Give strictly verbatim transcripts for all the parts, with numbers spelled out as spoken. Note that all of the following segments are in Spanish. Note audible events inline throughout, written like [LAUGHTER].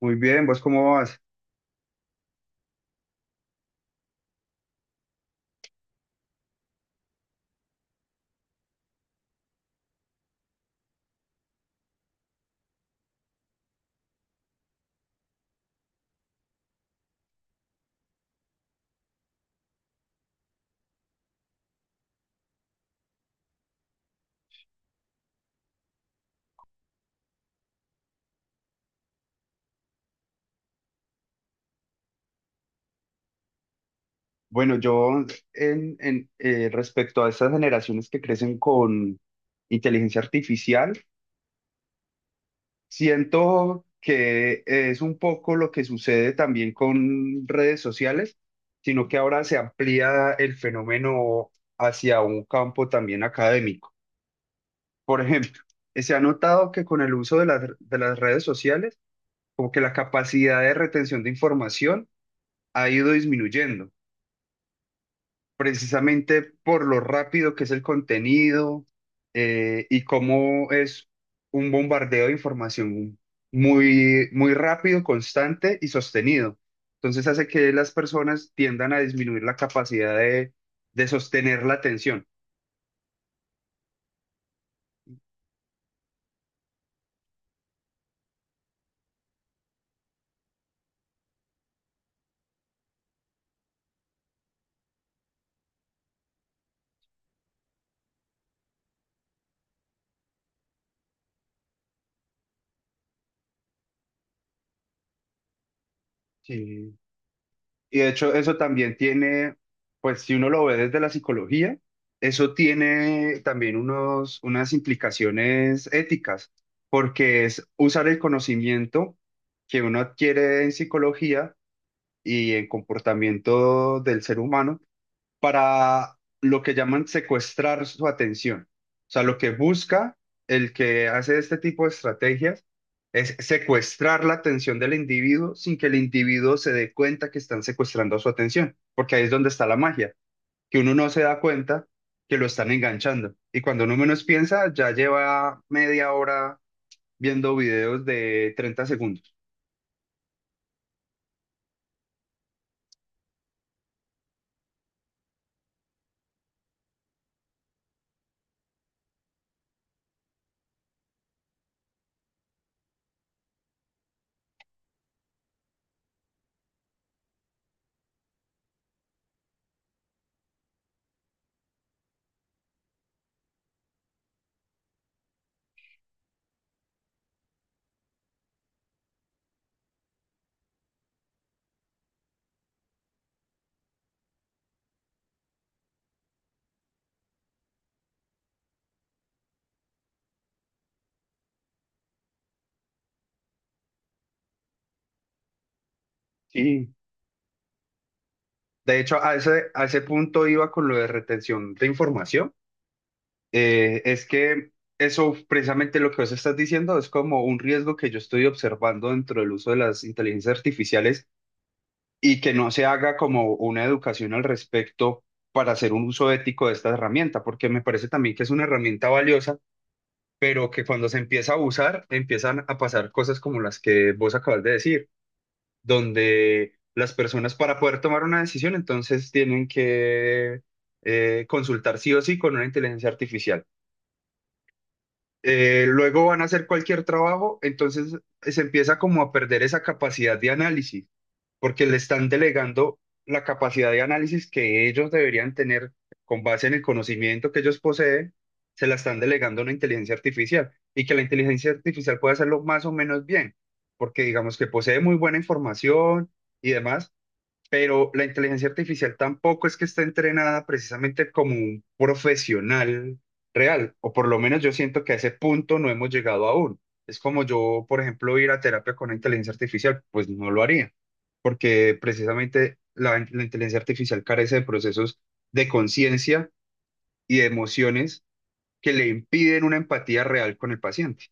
Muy bien, ¿vos cómo vas? Bueno, yo en, en, eh, respecto a estas generaciones que crecen con inteligencia artificial, siento que es un poco lo que sucede también con redes sociales, sino que ahora se amplía el fenómeno hacia un campo también académico. Por ejemplo, eh, se ha notado que con el uso de las, de las redes sociales, como que la capacidad de retención de información ha ido disminuyendo precisamente por lo rápido que es el contenido eh, y cómo es un bombardeo de información muy, muy rápido, constante y sostenido. Entonces hace que las personas tiendan a disminuir la capacidad de, de sostener la atención. Sí. Y de hecho, eso también tiene, pues si uno lo ve desde la psicología, eso tiene también unos, unas implicaciones éticas, porque es usar el conocimiento que uno adquiere en psicología y en comportamiento del ser humano para lo que llaman secuestrar su atención. O sea, lo que busca el que hace este tipo de estrategias es secuestrar la atención del individuo sin que el individuo se dé cuenta que están secuestrando su atención, porque ahí es donde está la magia, que uno no se da cuenta que lo están enganchando. Y cuando uno menos piensa, ya lleva media hora viendo videos de treinta segundos. Sí. De hecho, a ese, a ese punto iba con lo de retención de información. Eh, es que eso, precisamente lo que vos estás diciendo, es como un riesgo que yo estoy observando dentro del uso de las inteligencias artificiales y que no se haga como una educación al respecto para hacer un uso ético de esta herramienta, porque me parece también que es una herramienta valiosa, pero que cuando se empieza a usar, empiezan a pasar cosas como las que vos acabas de decir, donde las personas para poder tomar una decisión, entonces tienen que eh, consultar sí o sí con una inteligencia artificial. Eh, luego van a hacer cualquier trabajo, entonces se empieza como a perder esa capacidad de análisis, porque le están delegando la capacidad de análisis que ellos deberían tener con base en el conocimiento que ellos poseen, se la están delegando a una inteligencia artificial y que la inteligencia artificial puede hacerlo más o menos bien, porque digamos que posee muy buena información y demás, pero la inteligencia artificial tampoco es que esté entrenada precisamente como un profesional real, o por lo menos yo siento que a ese punto no hemos llegado aún. Es como yo, por ejemplo, ir a terapia con una inteligencia artificial, pues no lo haría, porque precisamente la, la inteligencia artificial carece de procesos de conciencia y de emociones que le impiden una empatía real con el paciente.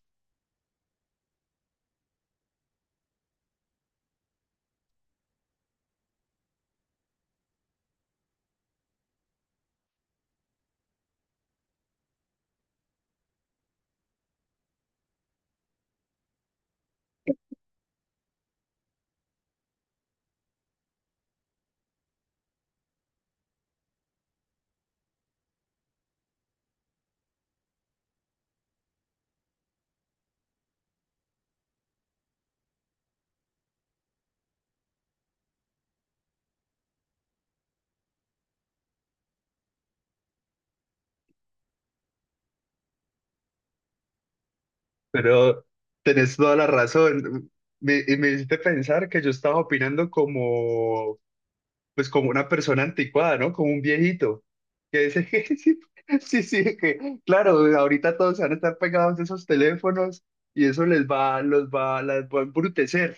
Pero tenés toda la razón. Me, y me hiciste pensar que yo estaba opinando como pues como una persona anticuada, ¿no? Como un viejito, que dice [LAUGHS] que sí, sí, sí, que claro, ahorita todos van a estar pegados a esos teléfonos y eso les va, los va, las va a embrutecer,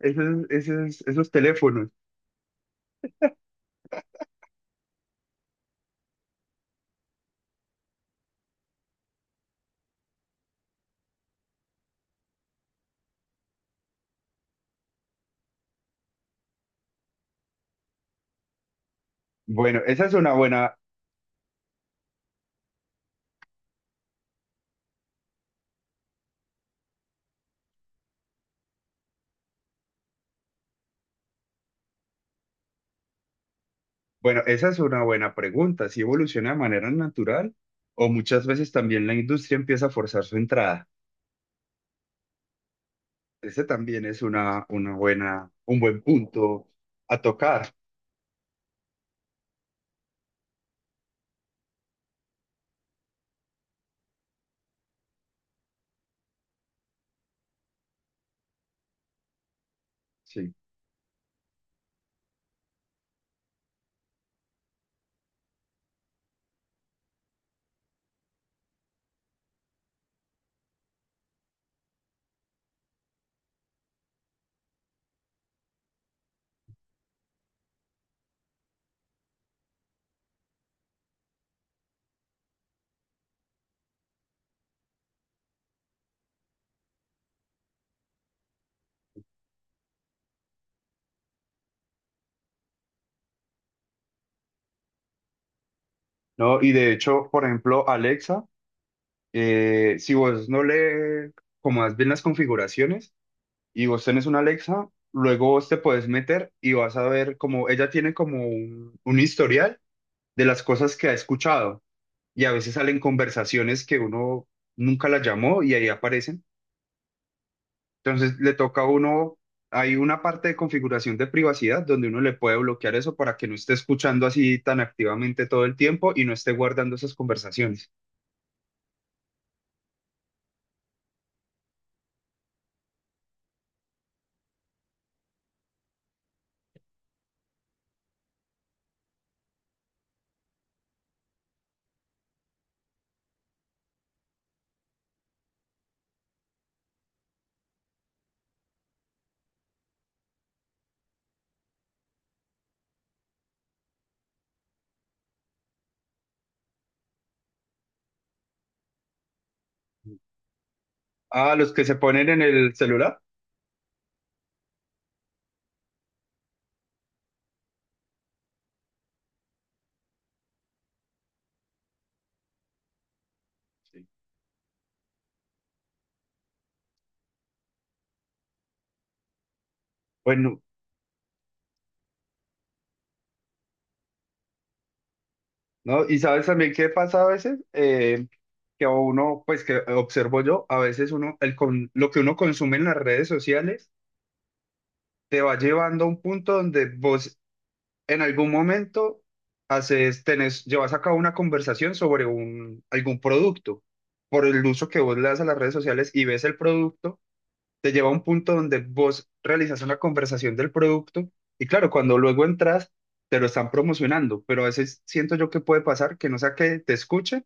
esos, esos, esos teléfonos. Bueno, esa es una buena, bueno, esa es una buena pregunta, si evoluciona de manera natural o muchas veces también la industria empieza a forzar su entrada. Ese también es una, una buena, un buen punto a tocar, sí. ¿No? Y de hecho, por ejemplo, Alexa, Eh, si vos no le comas bien las configuraciones y vos tenés una Alexa, luego vos te puedes meter y vas a ver como ella tiene como un, un historial de las cosas que ha escuchado y a veces salen conversaciones que uno nunca la llamó y ahí aparecen. Entonces le toca a uno, hay una parte de configuración de privacidad donde uno le puede bloquear eso para que no esté escuchando así tan activamente todo el tiempo y no esté guardando esas conversaciones. Ah, los que se ponen en el celular. Sí. Bueno, ¿no? Y sabes también qué pasa a veces, Eh, que a uno, pues que observo yo, a veces uno, el con, lo que uno consume en las redes sociales te va llevando a un punto donde vos en algún momento haces, tenés, llevas a cabo una conversación sobre un, algún producto. Por el uso que vos le das a las redes sociales y ves el producto, te lleva a un punto donde vos realizas una conversación del producto y claro, cuando luego entras, te lo están promocionando, pero a veces siento yo que puede pasar que no sea que te escuchen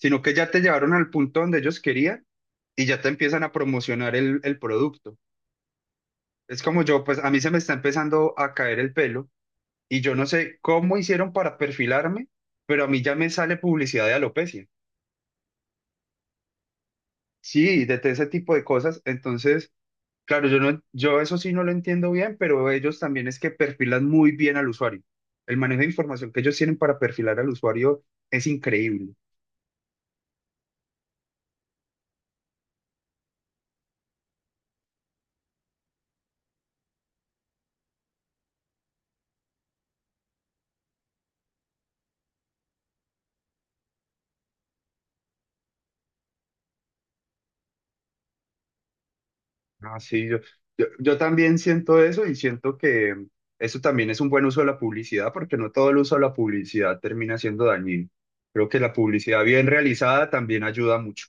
sino que ya te llevaron al punto donde ellos querían y ya te empiezan a promocionar el, el producto. Es como yo, pues a mí se me está empezando a caer el pelo y yo no sé cómo hicieron para perfilarme, pero a mí ya me sale publicidad de alopecia. Sí, de de ese tipo de cosas. Entonces, claro, yo no, yo eso sí no lo entiendo bien, pero ellos también es que perfilan muy bien al usuario. El manejo de información que ellos tienen para perfilar al usuario es increíble. Ah, sí, yo, yo, yo también siento eso y siento que eso también es un buen uso de la publicidad, porque no todo el uso de la publicidad termina siendo dañino. Creo que la publicidad bien realizada también ayuda mucho.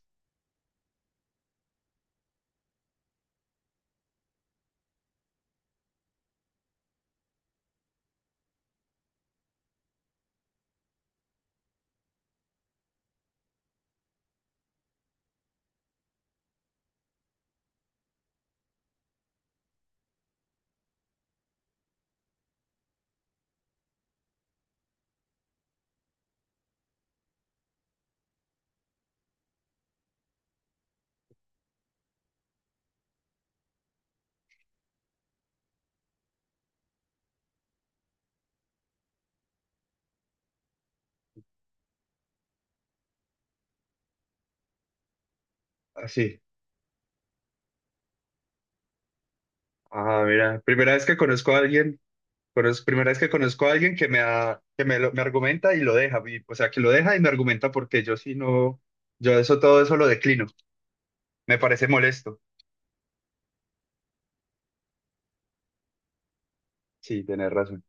Así. Ah, mira, primera vez que conozco a alguien, conoz- primera vez que conozco a alguien que me, ha- que me, lo- me argumenta y lo deja, y- o sea, que lo deja y me argumenta porque yo sí no, yo eso todo eso lo declino. Me parece molesto. Sí, tenés razón.